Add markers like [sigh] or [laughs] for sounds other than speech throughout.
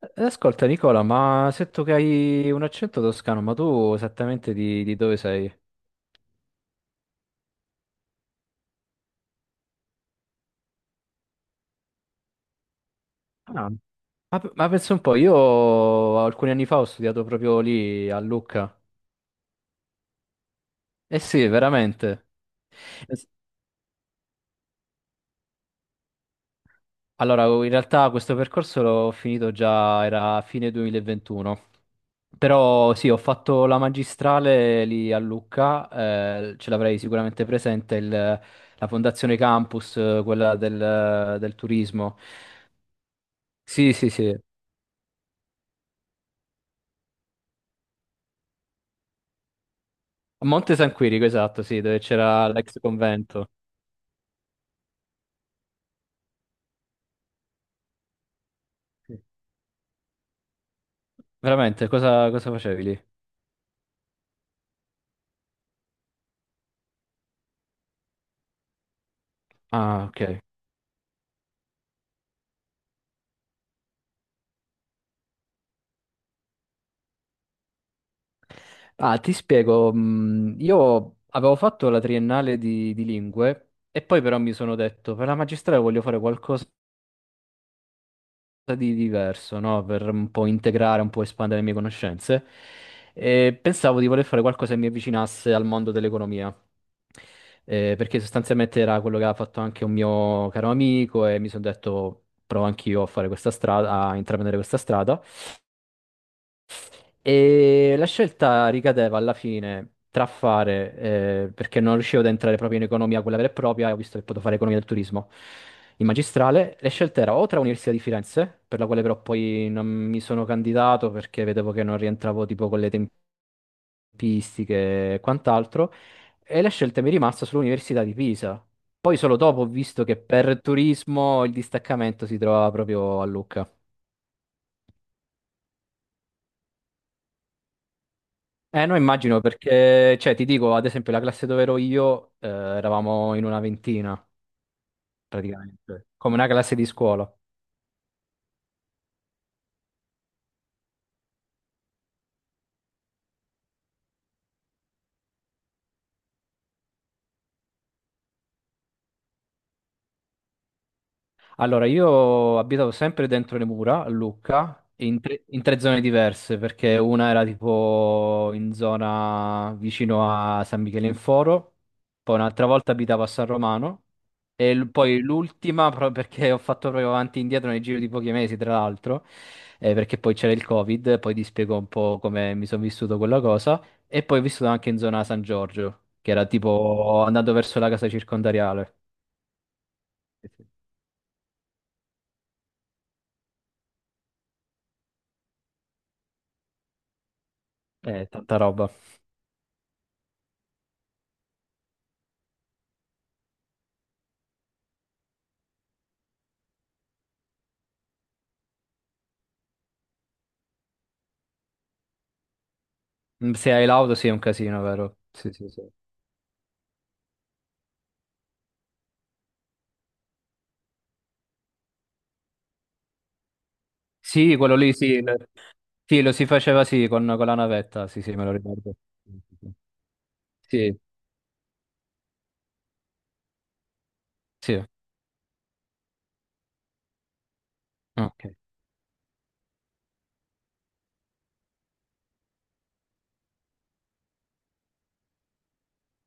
Ascolta Nicola, ma ho sento che hai un accento toscano, ma tu esattamente di dove sei? Ah, ma pensa un po', io alcuni anni fa ho studiato proprio lì a Lucca. Eh sì, veramente. es- Allora, in realtà questo percorso l'ho finito già, era a fine 2021. Però sì, ho fatto la magistrale lì a Lucca, ce l'avrei sicuramente presente, la Fondazione Campus, quella del turismo. Sì, sì, sì. A Monte San Quirico, esatto, sì, dove c'era l'ex convento. Sì. Veramente, cosa facevi lì? Ah, ok. Ah, ti spiego. Io avevo fatto la triennale di lingue e poi però mi sono detto, per la magistrale voglio fare qualcosa di diverso, no? Per un po' integrare, un po' espandere le mie conoscenze. E pensavo di voler fare qualcosa che mi avvicinasse al mondo dell'economia. Perché sostanzialmente era quello che aveva fatto anche un mio caro amico e mi sono detto provo anch'io a fare questa strada, a intraprendere questa strada. E la scelta ricadeva alla fine tra fare, perché non riuscivo ad entrare proprio in economia, quella vera e propria, e ho visto che potevo fare economia del turismo in magistrale, le scelte erano o tra l'Università di Firenze, per la quale però poi non mi sono candidato perché vedevo che non rientravo tipo con le tempistiche e quant'altro, e la scelta mi è rimasta sull'Università di Pisa. Poi solo dopo ho visto che per turismo il distaccamento si trovava proprio a Lucca. No, immagino perché, cioè, ti dico, ad esempio, la classe dove ero io, eravamo in una ventina, praticamente, come una classe di scuola. Allora, io abitavo sempre dentro le mura a Lucca, in tre zone diverse, perché una era tipo in zona vicino a San Michele in Foro, poi un'altra volta abitavo a San Romano, poi l'ultima, [laughs] perché ho fatto proprio avanti e indietro nel giro di pochi mesi, tra l'altro, perché poi c'era il Covid, poi ti spiego un po' come mi sono vissuto quella cosa, e poi ho vissuto anche in zona San Giorgio, che era tipo andando verso la casa circondariale. Tanta roba. Mm, se hai l'auto sì, è un casino, vero? Sì, sì, sì. Sì, quello lì sì. Sì, lo si faceva sì, con la navetta, sì, sì, me lo ricordo. Sì, sì, ok.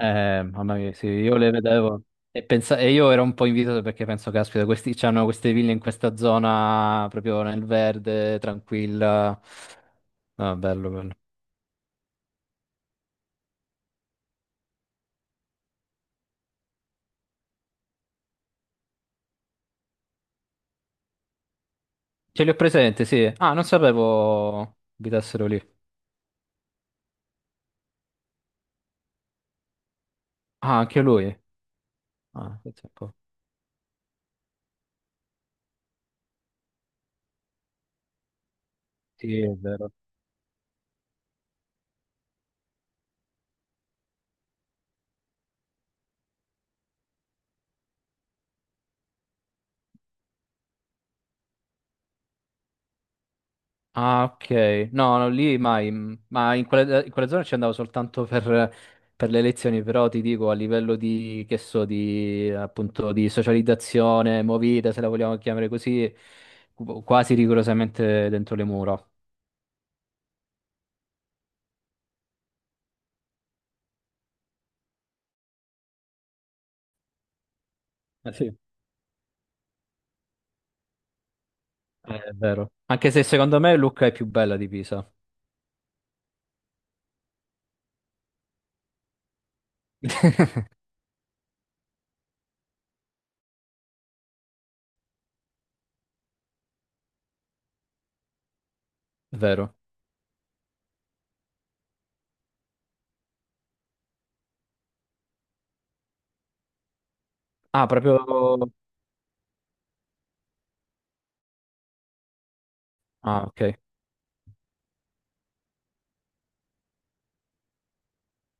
Mamma mia, sì, io le vedevo e, e io ero un po' invidioso perché penso, caspita, questi c'hanno queste ville in questa zona proprio nel verde, tranquilla. Ah, bello, bello. Ce li ho presente, sì. Ah, non sapevo abitassero lì. Ah, anche lui. Ah, pensa un po'. Sì, è vero. Ah, ok. No, no, lì mai. Ma in quella zona ci andavo soltanto per le lezioni, però ti dico, a livello di, che so, di, appunto, di socializzazione, movida, se la vogliamo chiamare così, quasi rigorosamente dentro le mura. Eh sì. È vero. Anche se secondo me Lucca è più bella di Pisa. [laughs] È vero. Ah, proprio... Ah, ok.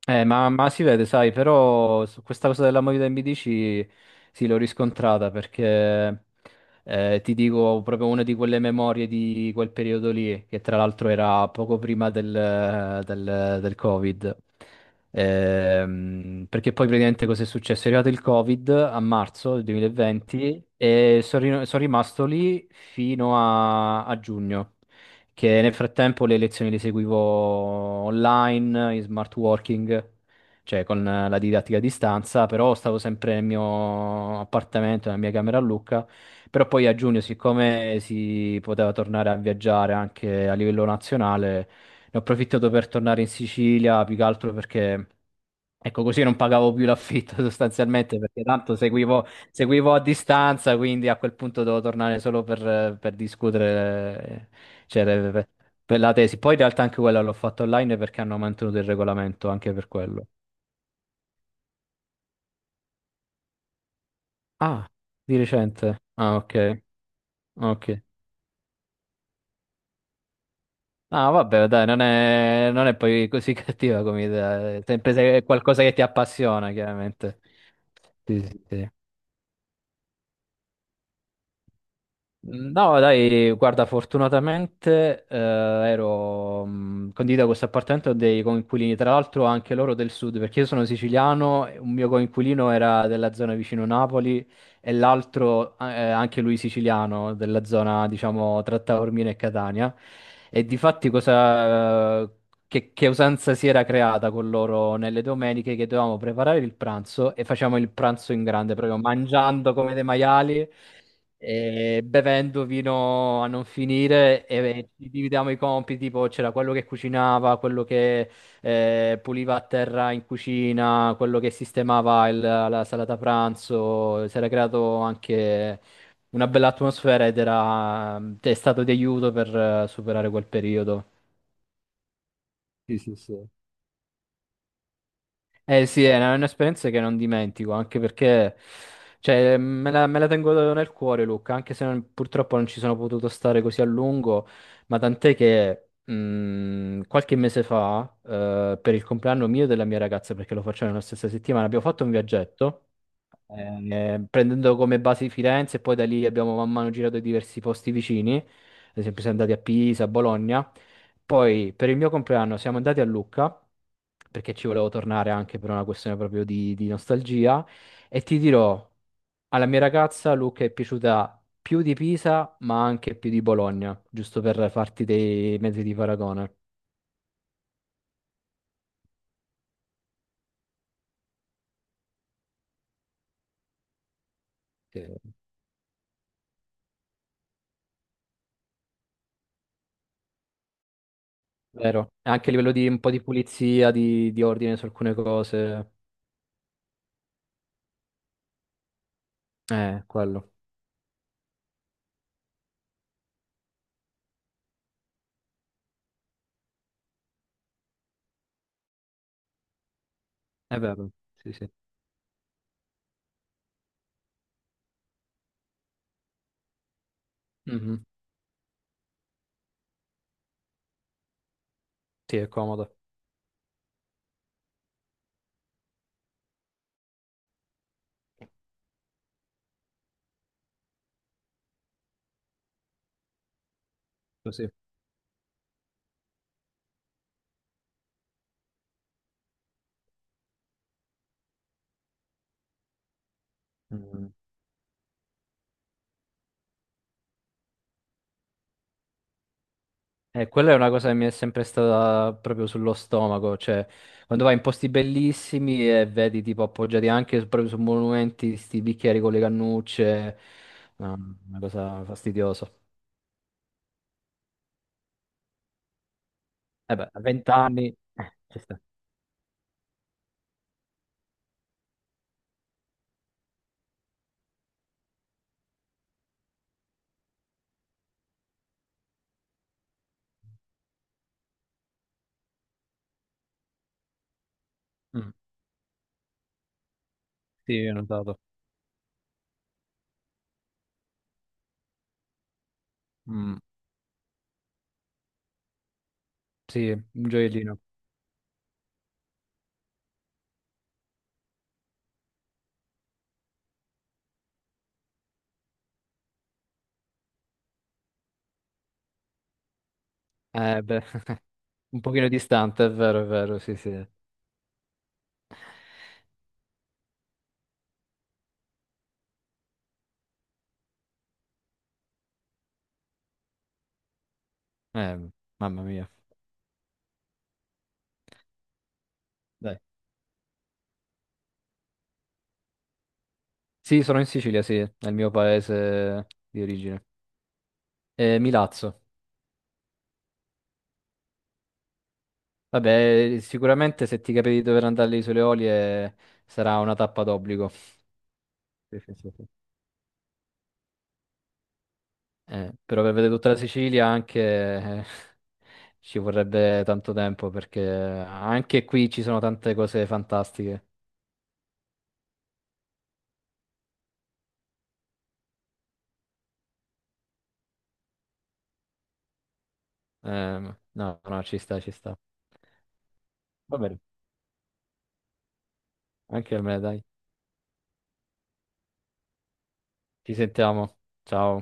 Ma si vede, sai, però su questa cosa della movida MBDC sì, l'ho riscontrata perché ti dico proprio una di quelle memorie di quel periodo lì, che tra l'altro era poco prima del, del Covid. Perché poi praticamente cosa è successo? È arrivato il Covid a marzo del 2020 e sono sono rimasto lì fino a giugno che nel frattempo le lezioni le seguivo online, in smart working, cioè con la didattica a distanza, però stavo sempre nel mio appartamento, nella mia camera a Lucca. Però poi a giugno, siccome si poteva tornare a viaggiare anche a livello nazionale, ne ho approfittato per tornare in Sicilia, più che altro perché ecco, così non pagavo più l'affitto [laughs] sostanzialmente perché tanto seguivo, seguivo a distanza, quindi a quel punto dovevo tornare solo per discutere, cioè, per la tesi. Poi in realtà anche quella l'ho fatta online perché hanno mantenuto il regolamento anche per quello. Ah, di recente. Ah, ok. Ah, vabbè, dai, non è poi così [laughs] cattiva come idea. È sempre se è qualcosa che ti appassiona, chiaramente. Sì, sì, sì. No, dai, guarda, fortunatamente ero condivido questo appartamento dei coinquilini, tra l'altro anche loro del sud, perché io sono siciliano, e un mio coinquilino era della zona vicino Napoli e l'altro anche lui siciliano, della zona, diciamo, tra Taormina e Catania. E difatti cosa, che usanza si era creata con loro nelle domeniche che dovevamo preparare il pranzo e facciamo il pranzo in grande, proprio mangiando come dei maiali bevendo vino a non finire e ci dividiamo i compiti, tipo c'era quello che cucinava, quello che puliva a terra in cucina, quello che sistemava la salata pranzo, si era creato anche una bella atmosfera ed era, è stato di aiuto per superare quel periodo. Sì, sì, sì. Eh sì, è è un'esperienza che non dimentico, anche perché cioè, me la tengo nel cuore, Luca, anche se purtroppo non ci sono potuto stare così a lungo, ma tant'è che qualche mese fa, per il compleanno mio e della mia ragazza, perché lo facciamo nella stessa settimana, abbiamo fatto un viaggetto prendendo come base Firenze e poi da lì abbiamo man mano girato diversi posti vicini, ad esempio siamo andati a Pisa, a Bologna, poi per il mio compleanno siamo andati a Lucca, perché ci volevo tornare anche per una questione proprio di nostalgia, e ti dirò, alla mia ragazza Lucca è piaciuta più di Pisa, ma anche più di Bologna, giusto per farti dei mezzi di paragone. Sì. Vero, anche a livello di un po' di pulizia, di ordine su alcune cose, quello. È vero, sì, sì. Mhm. Sì, è comodo. Così. Mm. E quella è una cosa che mi è sempre stata proprio sullo stomaco, cioè quando vai in posti bellissimi e vedi tipo appoggiati anche proprio su monumenti, sti bicchieri con le cannucce, no, una cosa fastidiosa. E beh, a 20 anni, ci sta. Mm. Sì, ho notato. Mm. Sì, un gioiellino. Eh beh, [laughs] un pochino distante, è vero, sì, sì. Mamma mia. Dai. Sì, sono in Sicilia, sì, nel mio paese di origine. Milazzo. Vabbè, sicuramente se ti capiti di dover andare alle Isole Olie sarà una tappa d'obbligo. Sì, sì, sì, sì. Però per vedere tutta la Sicilia anche [laughs] ci vorrebbe tanto tempo perché anche qui ci sono tante cose fantastiche. No, no, ci sta, ci sta. Va bene. Anche a me, dai. Ci sentiamo. Ciao.